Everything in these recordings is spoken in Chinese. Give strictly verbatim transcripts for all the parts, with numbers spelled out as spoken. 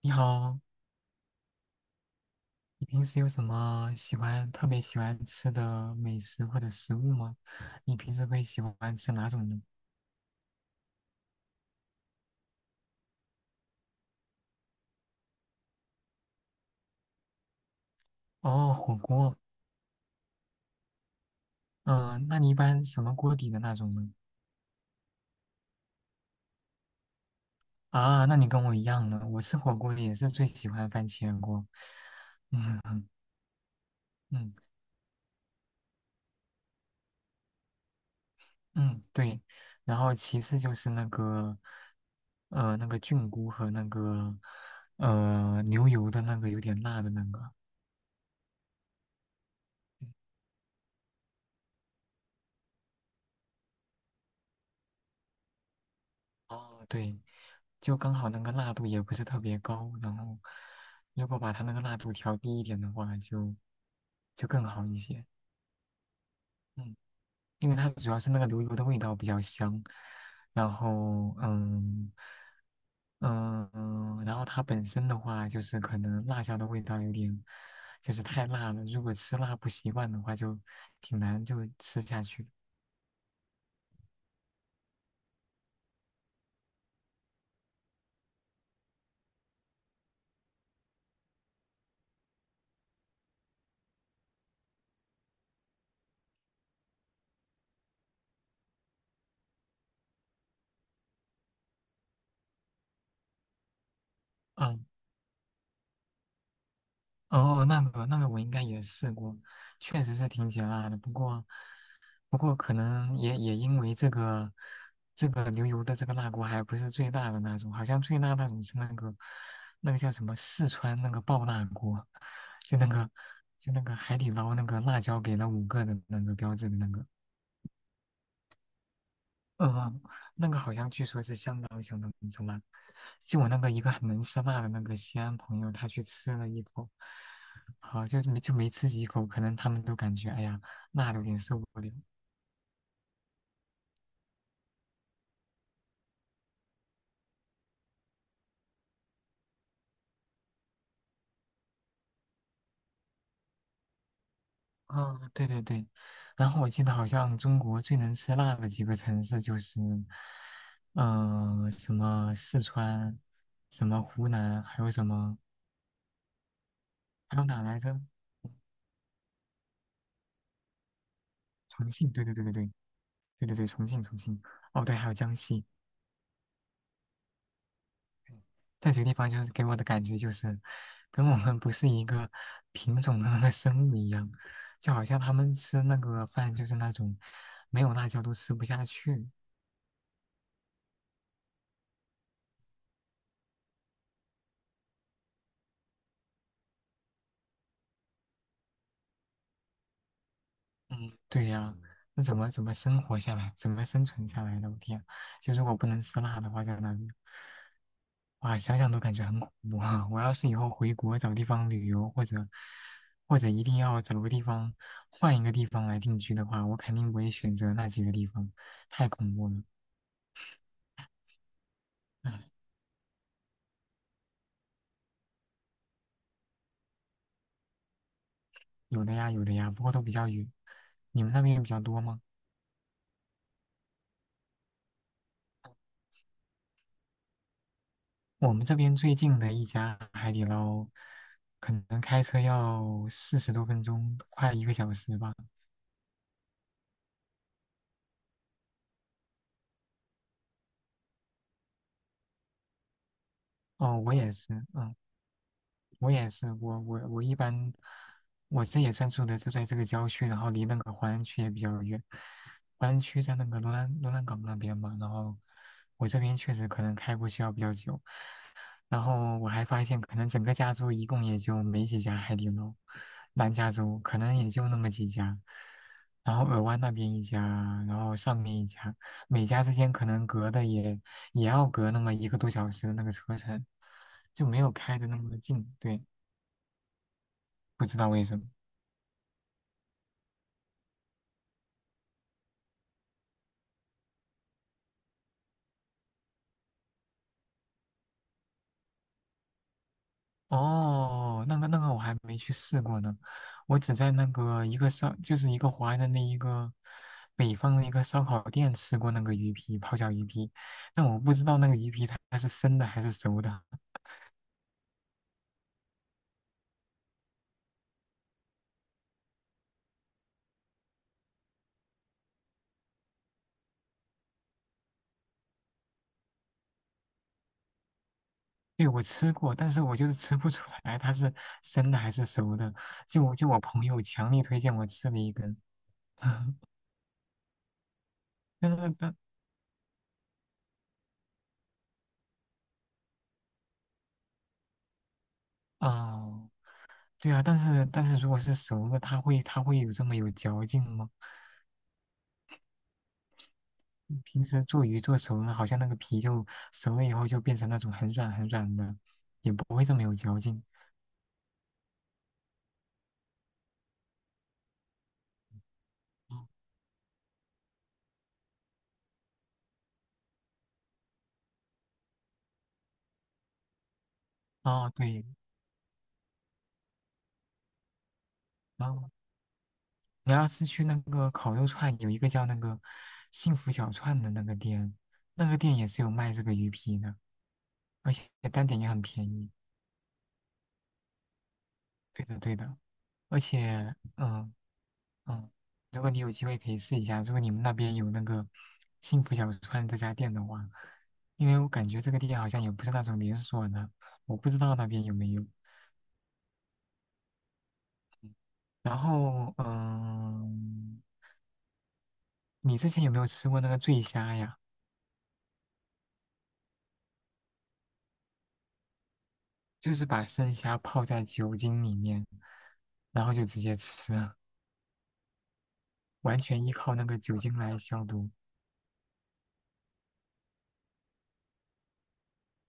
你好，你平时有什么喜欢特别喜欢吃的美食或者食物吗？你平时会喜欢吃哪种呢？哦，火锅。嗯、那你一般什么锅底的那种呢？啊，那你跟我一样呢，我吃火锅也是最喜欢番茄锅。嗯嗯嗯，对。然后其次就是那个，呃，那个菌菇和那个，呃，牛油的那个有点辣的那个。哦，对，就刚好那个辣度也不是特别高，然后如果把它那个辣度调低一点的话就，就更好一些。嗯，因为它主要是那个牛油的味道比较香，然后嗯嗯，嗯然后它本身的话就是可能辣椒的味道有点就是太辣了，如果吃辣不习惯的话就挺难就吃下去。嗯，哦，那个那个我应该也试过，确实是挺解辣的，不过。不过可能也也因为这个这个牛油的这个辣锅还不是最大的那种，好像最辣那种是那个那个叫什么四川那个爆辣锅，就那个就那个海底捞那个辣椒给了五个的那个标志的那个，嗯，那个好像据说是相当相当之辣。就我那个一个很能吃辣的那个西安朋友，他去吃了一口，好、就是没就没吃几口，可能他们都感觉哎呀辣的有点受不了。啊，对对对，然后我记得好像中国最能吃辣的几个城市就是，嗯、什么四川，什么湖南，还有什么，还有哪来着？重庆，对对对对对，对对对，重庆重庆，哦对，还有江西，在这几个地方就是给我的感觉就是，跟我们不是一个品种的那个生物一样，就好像他们吃那个饭就是那种没有辣椒都吃不下去，嗯，对呀，那怎么怎么生活下来，怎么生存下来的？我天，就如果不能吃辣的话，在那里，哇，想想都感觉很恐怖啊！我要是以后回国找地方旅游，或者或者一定要找个地方换一个地方来定居的话，我肯定不会选择那几个地方，太恐怖了。唉，有的呀，有的呀，不过都比较远。你们那边比较多吗？我们这边最近的一家海底捞，可能开车要四十多分钟，快一个小时吧。哦，我也是，嗯，我也是，我我我一般，我这也算住的就在这个郊区，然后离那个淮安区也比较远。淮安区在那个罗兰罗兰港那边嘛，然后我这边确实可能开过去要比较久，然后我还发现，可能整个加州一共也就没几家海底捞，南加州可能也就那么几家，然后尔湾那边一家，然后上面一家，每家之间可能隔的也也要隔那么一个多小时的那个车程，就没有开的那么近。对，不知道为什么。哦，那个那个我还没去试过呢，我只在那个一个烧，就是一个华人的那一个北方的一个烧烤店吃过那个鱼皮泡椒鱼皮，但我不知道那个鱼皮它是生的还是熟的。对，我吃过，但是我就是吃不出来它是生的还是熟的。就我就我朋友强力推荐我吃了一根，但是但哦，对啊，但是但是如果是熟的，它会它会有这么有嚼劲吗？平时做鱼做熟了，好像那个皮就熟了以后就变成那种很软很软的，也不会这么有嚼劲。哦，哦对，然后你要是去那个烤肉串，有一个叫那个幸福小串的那个店，那个店也是有卖这个鱼皮的，而且单点也很便宜。对的，对的，而且嗯，嗯，如果你有机会可以试一下，如果你们那边有那个幸福小川这家店的话，因为我感觉这个店好像也不是那种连锁的，我不知道那边有没有。然后，嗯，你之前有没有吃过那个醉虾呀？就是把生虾泡在酒精里面，然后就直接吃，完全依靠那个酒精来消毒。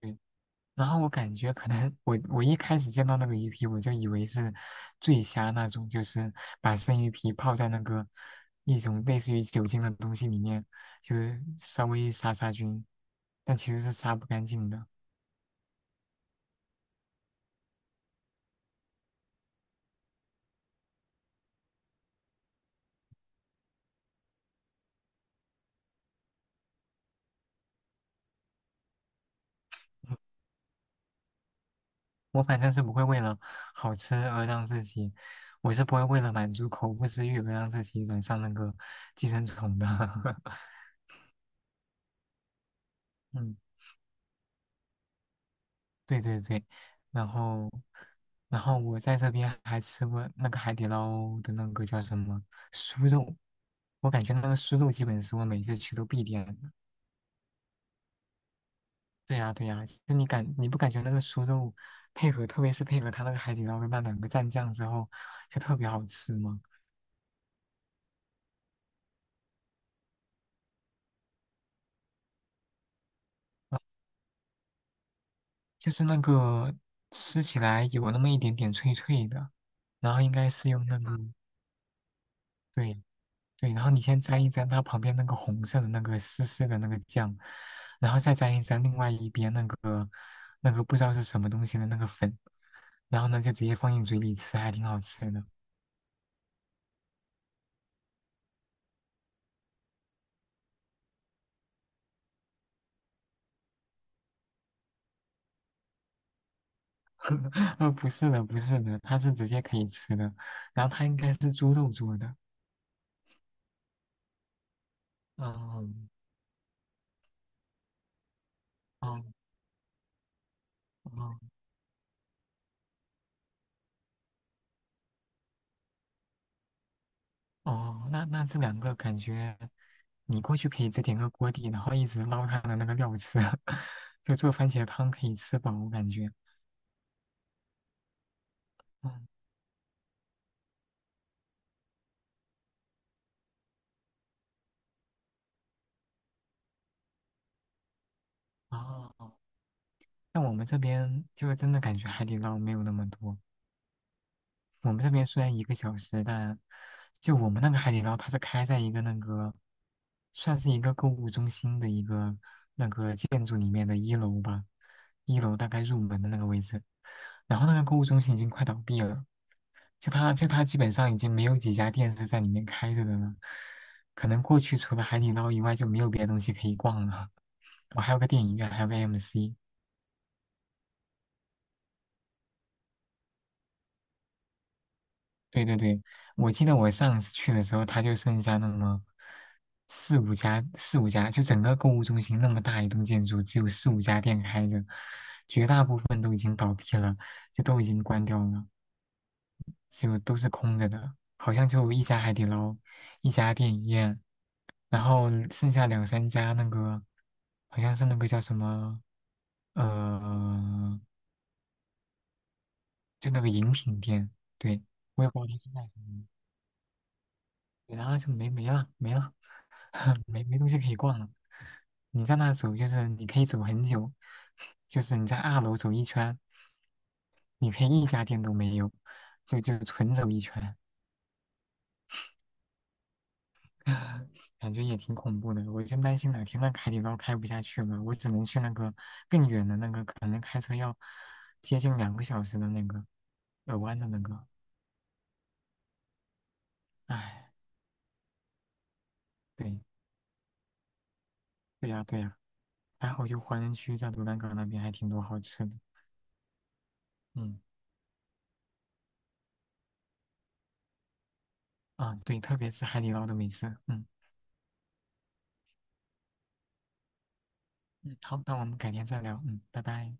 对然后我感觉可能我我一开始见到那个鱼皮，我就以为是醉虾那种，就是把生鱼皮泡在那个一种类似于酒精的东西里面，就是稍微杀杀菌，但其实是杀不干净的。我反正是不会为了好吃而让自己，我是不会为了满足口腹之欲而让自己染上那个寄生虫的。嗯。对对对，然后，然后我在这边还吃过那个海底捞的那个叫什么酥肉，我感觉那个酥肉基本是我每次去都必点的。对呀对呀，就你感你不感觉那个酥肉配合，特别是配合它那个海底捞的那两个蘸酱之后，就特别好吃吗？就是那个吃起来有那么一点点脆脆的，然后应该是用那个，对对，然后你先沾一沾它旁边那个红色的那个湿湿的那个酱，然后再沾一沾另外一边那个那个不知道是什么东西的那个粉，然后呢就直接放进嘴里吃，还挺好吃的。呃，不是的，不是的，它是直接可以吃的，然后它应该是猪肉做的。嗯，哦哦哦，那那这两个感觉你过去可以再点个锅底，然后一直捞它的那个料吃，就做番茄汤可以吃饱，我感觉。嗯。哦，但我们这边就是真的感觉海底捞没有那么多。我们这边虽然一个小时，但就我们那个海底捞，它是开在一个那个算是一个购物中心的一个那个建筑里面的一楼吧，一楼大概入门的那个位置。然后那个购物中心已经快倒闭了，就它就它基本上已经没有几家店是在里面开着的了。可能过去除了海底捞以外就没有别的东西可以逛了。我还有个电影院，还有个 M C。对对对，我记得我上一次去的时候，它就剩下那么四五家，四五家，就整个购物中心那么大一栋建筑，只有四五家店开着，绝大部分都已经倒闭了，就都已经关掉了，就都是空着的，好像就一家海底捞，一家电影院，然后剩下两三家那个，好像是那个叫什么，呃，就那个饮品店，对，我也不知道它是卖什么的，然后就没没了，没了。没没东西可以逛了。你在那走，就是你可以走很久，就是你在二楼走一圈，你可以一家店都没有，就就纯走一圈，感觉也挺恐怖的。我就担心哪天那海底捞开不下去了，我只能去那个更远的那个，可能开车要接近两个小时的那个耳湾的那个。唉，对对呀对呀，还好就华人区在卢兰港那边还挺多好吃的。嗯啊，对，特别是海底捞的美食，嗯。嗯，好，那我们改天再聊。嗯，拜拜。